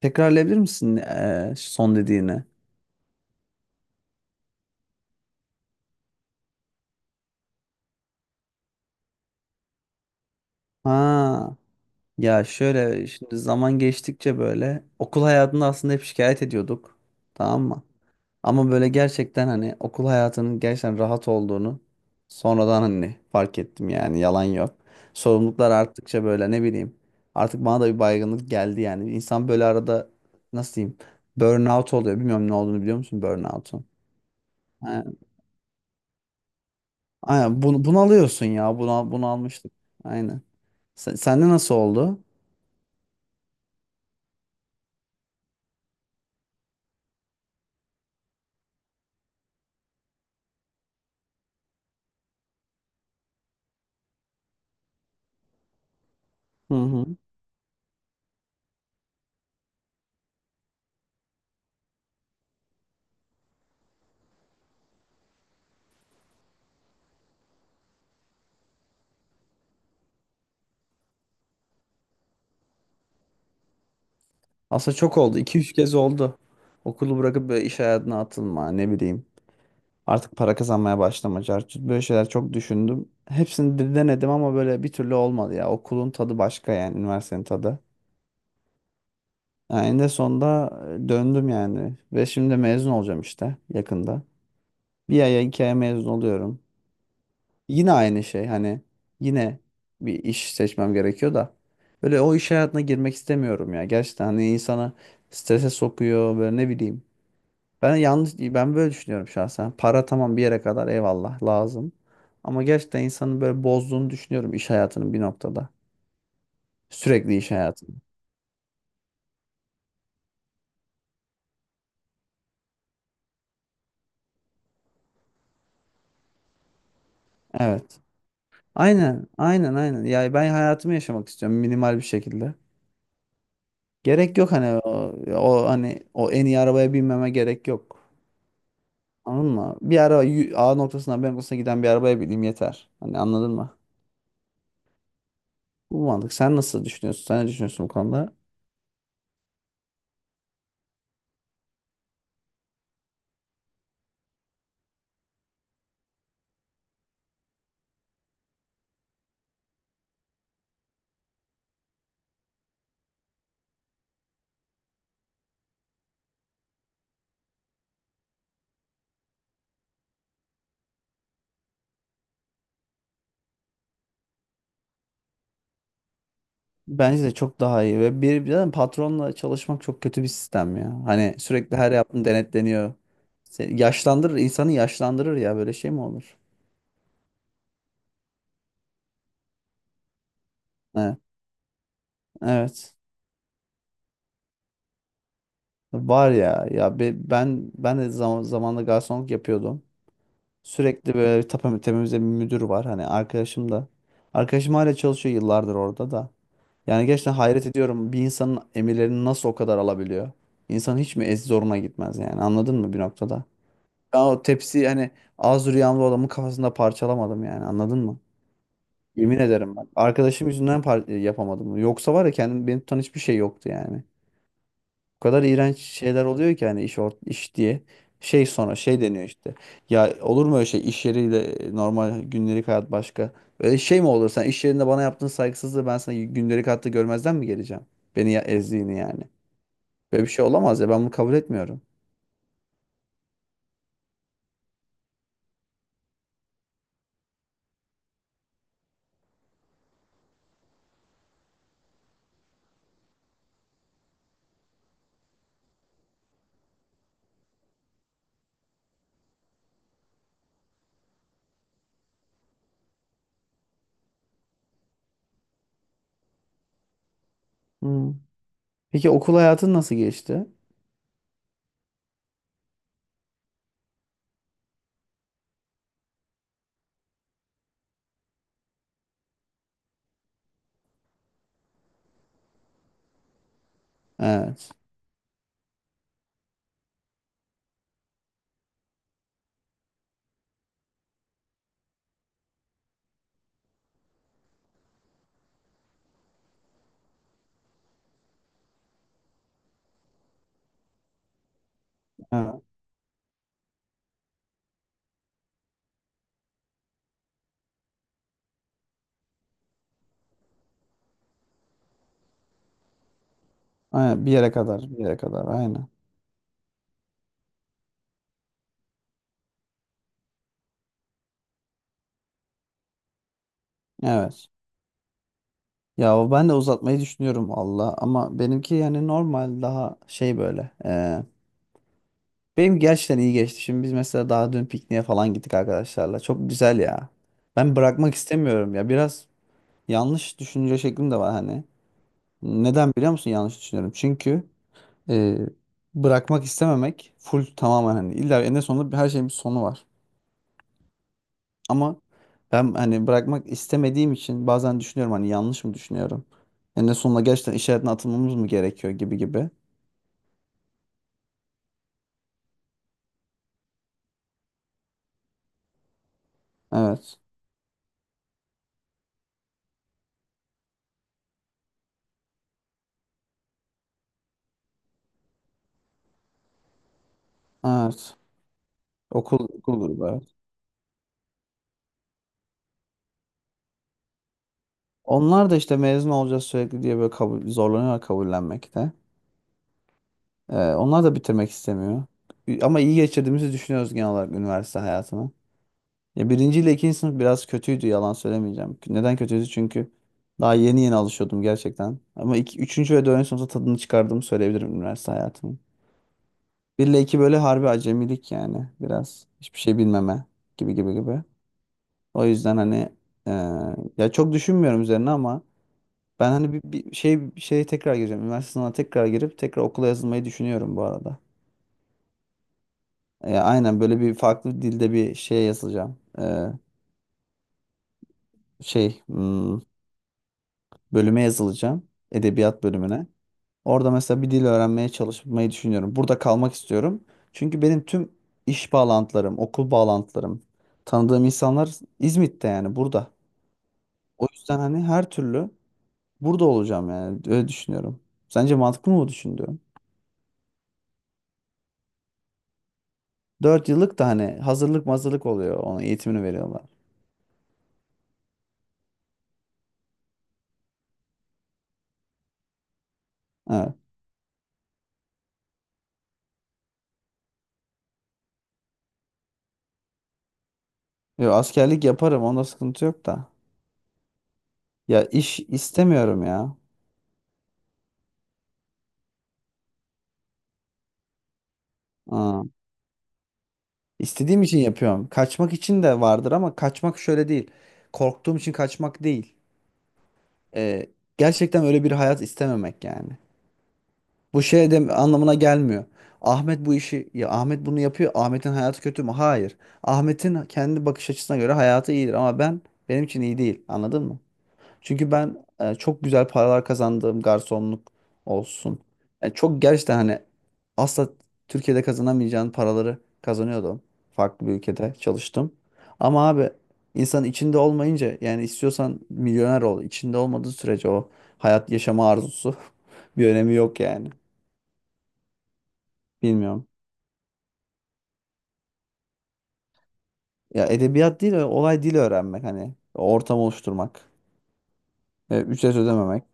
Tekrarlayabilir misin son dediğini? Ha, ya şöyle şimdi zaman geçtikçe böyle okul hayatında aslında hep şikayet ediyorduk. Tamam mı? Ama böyle gerçekten hani okul hayatının gerçekten rahat olduğunu sonradan hani fark ettim yani yalan yok. Sorumluluklar arttıkça böyle ne bileyim artık bana da bir baygınlık geldi yani. İnsan böyle arada nasıl diyeyim burnout oluyor. Bilmiyorum ne olduğunu biliyor musun burnout'un? Aynen bunu alıyorsun ya. Bunu almıştık. Aynen. Sende nasıl oldu? Hı hı. Aslında çok oldu. İki üç kez oldu. Okulu bırakıp böyle iş hayatına atılma ne bileyim. Artık para kazanmaya başlama. Cartçut. Böyle şeyler çok düşündüm. Hepsini de denedim ama böyle bir türlü olmadı ya. Okulun tadı başka yani. Üniversitenin tadı. Yani en de sonunda döndüm yani. Ve şimdi mezun olacağım işte yakında. Bir aya iki aya mezun oluyorum. Yine aynı şey hani yine bir iş seçmem gerekiyor da böyle o iş hayatına girmek istemiyorum ya. Gerçekten hani insana strese sokuyor böyle ne bileyim. Ben yanlış ben böyle düşünüyorum şahsen. Para tamam bir yere kadar eyvallah lazım. Ama gerçekten insanın böyle bozduğunu düşünüyorum iş hayatının bir noktada. Sürekli iş hayatını. Evet. Aynen, aynen, aynen. Ya ben hayatımı yaşamak istiyorum minimal bir şekilde. Gerek yok hani o, o hani o en iyi arabaya binmeme gerek yok. Anladın mı? Bir ara A noktasından B noktasına giden bir arabaya bineyim yeter. Hani anladın mı? Bu mantık. Sen nasıl düşünüyorsun? Sen ne düşünüyorsun bu konuda? Bence de çok daha iyi ve bir de patronla çalışmak çok kötü bir sistem ya. Hani sürekli her yaptığın denetleniyor. Seni yaşlandırır, insanı yaşlandırır ya böyle şey mi olur? Evet. Evet. Var ya ben de zaman zamanında garsonluk yapıyordum. Sürekli böyle bir tepemizde bir müdür var. Hani arkadaşım da. Arkadaşım hala çalışıyor yıllardır orada da. Yani gerçekten hayret ediyorum. Bir insanın emirlerini nasıl o kadar alabiliyor? İnsan hiç mi zoruna gitmez yani anladın mı bir noktada? Ben o tepsi hani az rüyamda adamın kafasında parçalamadım yani anladın mı? Yemin ederim bak. Arkadaşım yüzünden yapamadım. Yoksa var ya kendim beni tutan hiçbir şey yoktu yani. O kadar iğrenç şeyler oluyor ki hani iş diye. Şey sonra şey deniyor işte. Ya olur mu öyle şey iş yeriyle normal gündelik hayat başka. Öyle şey mi olur sen iş yerinde bana yaptığın saygısızlığı ben sana gündelik hayatta görmezden mi geleceğim? Beni ya ezdiğini yani. Böyle bir şey olamaz ya ben bunu kabul etmiyorum. Hmm. Peki okul hayatın nasıl geçti? Evet. Evet. Aynen, bir yere kadar bir yere kadar aynen. Evet. Ya ben de uzatmayı düşünüyorum Allah ama benimki yani normal daha şey böyle. Benim gerçekten iyi geçti. Şimdi biz mesela daha dün pikniğe falan gittik arkadaşlarla. Çok güzel ya. Ben bırakmak istemiyorum ya. Biraz yanlış düşünce şeklim de var hani. Neden biliyor musun yanlış düşünüyorum? Çünkü e, bırakmak istememek full tamamen hani illa en sonunda her şeyin bir sonu var. Ama ben hani bırakmak istemediğim için bazen düşünüyorum hani yanlış mı düşünüyorum? En sonunda gerçekten iş hayatına atılmamız mı gerekiyor gibi gibi. Evet. Evet. Okul grubu. Onlar da işte mezun olacağız sürekli diye böyle kabul, zorlanıyorlar kabullenmekte. Onlar da bitirmek istemiyor. Ama iyi geçirdiğimizi düşünüyoruz genel olarak üniversite hayatını. Ya birinci ile ikinci sınıf biraz kötüydü yalan söylemeyeceğim. Neden kötüydü? Çünkü daha yeni yeni alışıyordum gerçekten. Ama üçüncü ve dördüncü sınıfta tadını çıkardığımı söyleyebilirim üniversite hayatımın. Bir ile iki böyle harbi acemilik yani biraz. Hiçbir şey bilmeme gibi gibi gibi. O yüzden hani e, ya çok düşünmüyorum üzerine ama ben hani bir şey bir şeye tekrar gireceğim. Üniversite sınavına tekrar girip tekrar okula yazılmayı düşünüyorum bu arada. Aynen böyle bir farklı dilde bir şeye yazılacağım. Şey hmm, bölüme yazılacağım. Edebiyat bölümüne. Orada mesela bir dil öğrenmeye çalışmayı düşünüyorum. Burada kalmak istiyorum. Çünkü benim tüm iş bağlantılarım, okul bağlantılarım, tanıdığım insanlar İzmit'te yani burada. O yüzden hani her türlü burada olacağım yani öyle düşünüyorum. Sence mantıklı mı bu düşündüğüm? 4 yıllık da hani hazırlık mazırlık oluyor. Onun eğitimini veriyorlar. Evet. Yo, askerlik yaparım. Onda sıkıntı yok da. Ya iş istemiyorum ya. Aa, istediğim için yapıyorum. Kaçmak için de vardır ama kaçmak şöyle değil. Korktuğum için kaçmak değil. Ee, gerçekten öyle bir hayat istememek yani. Bu şey de anlamına gelmiyor. Ahmet bu işi ya Ahmet bunu yapıyor. Ahmet'in hayatı kötü mü? Hayır. Ahmet'in kendi bakış açısına göre hayatı iyidir ama ben benim için iyi değil. Anladın mı? Çünkü ben çok güzel paralar kazandığım garsonluk olsun. Yani çok gerçekten hani asla Türkiye'de kazanamayacağın paraları kazanıyordum. Farklı bir ülkede çalıştım. Ama abi insan içinde olmayınca yani istiyorsan milyoner ol. İçinde olmadığı sürece o hayat yaşama arzusu bir önemi yok yani. Bilmiyorum. Ya edebiyat değil olay dil öğrenmek hani ortam oluşturmak. Ücret ödememek.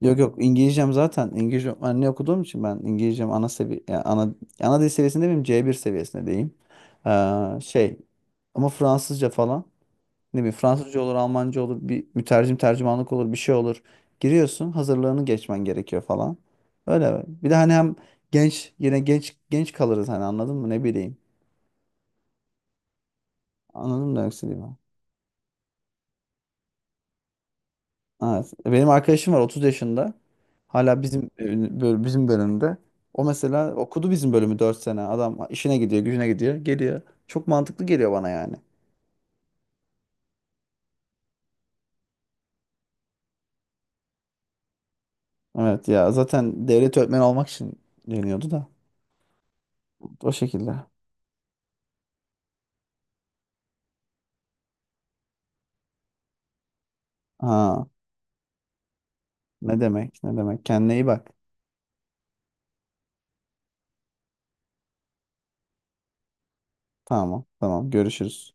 Yok yok İngilizcem zaten İngilizce anne okuduğum için ben İngilizcem ana dil seviyesinde miyim C1 seviyesindeyim. Ee, şey ama Fransızca falan ne bileyim Fransızca olur Almanca olur bir mütercim tercümanlık olur bir şey olur. Giriyorsun hazırlığını geçmen gerekiyor falan. Öyle bir de hani hem genç yine genç genç kalırız hani anladın mı ne bileyim. Anladım demek istediğimi? Evet. Benim arkadaşım var 30 yaşında. Hala bizim bölümde. O mesela okudu bizim bölümü 4 sene. Adam işine gidiyor, gücüne gidiyor, geliyor. Çok mantıklı geliyor bana yani. Evet ya zaten devlet öğretmeni olmak için deniyordu da. O şekilde. Ha, ne demek? Ne demek? Kendine iyi bak. Tamam, tamam. Görüşürüz.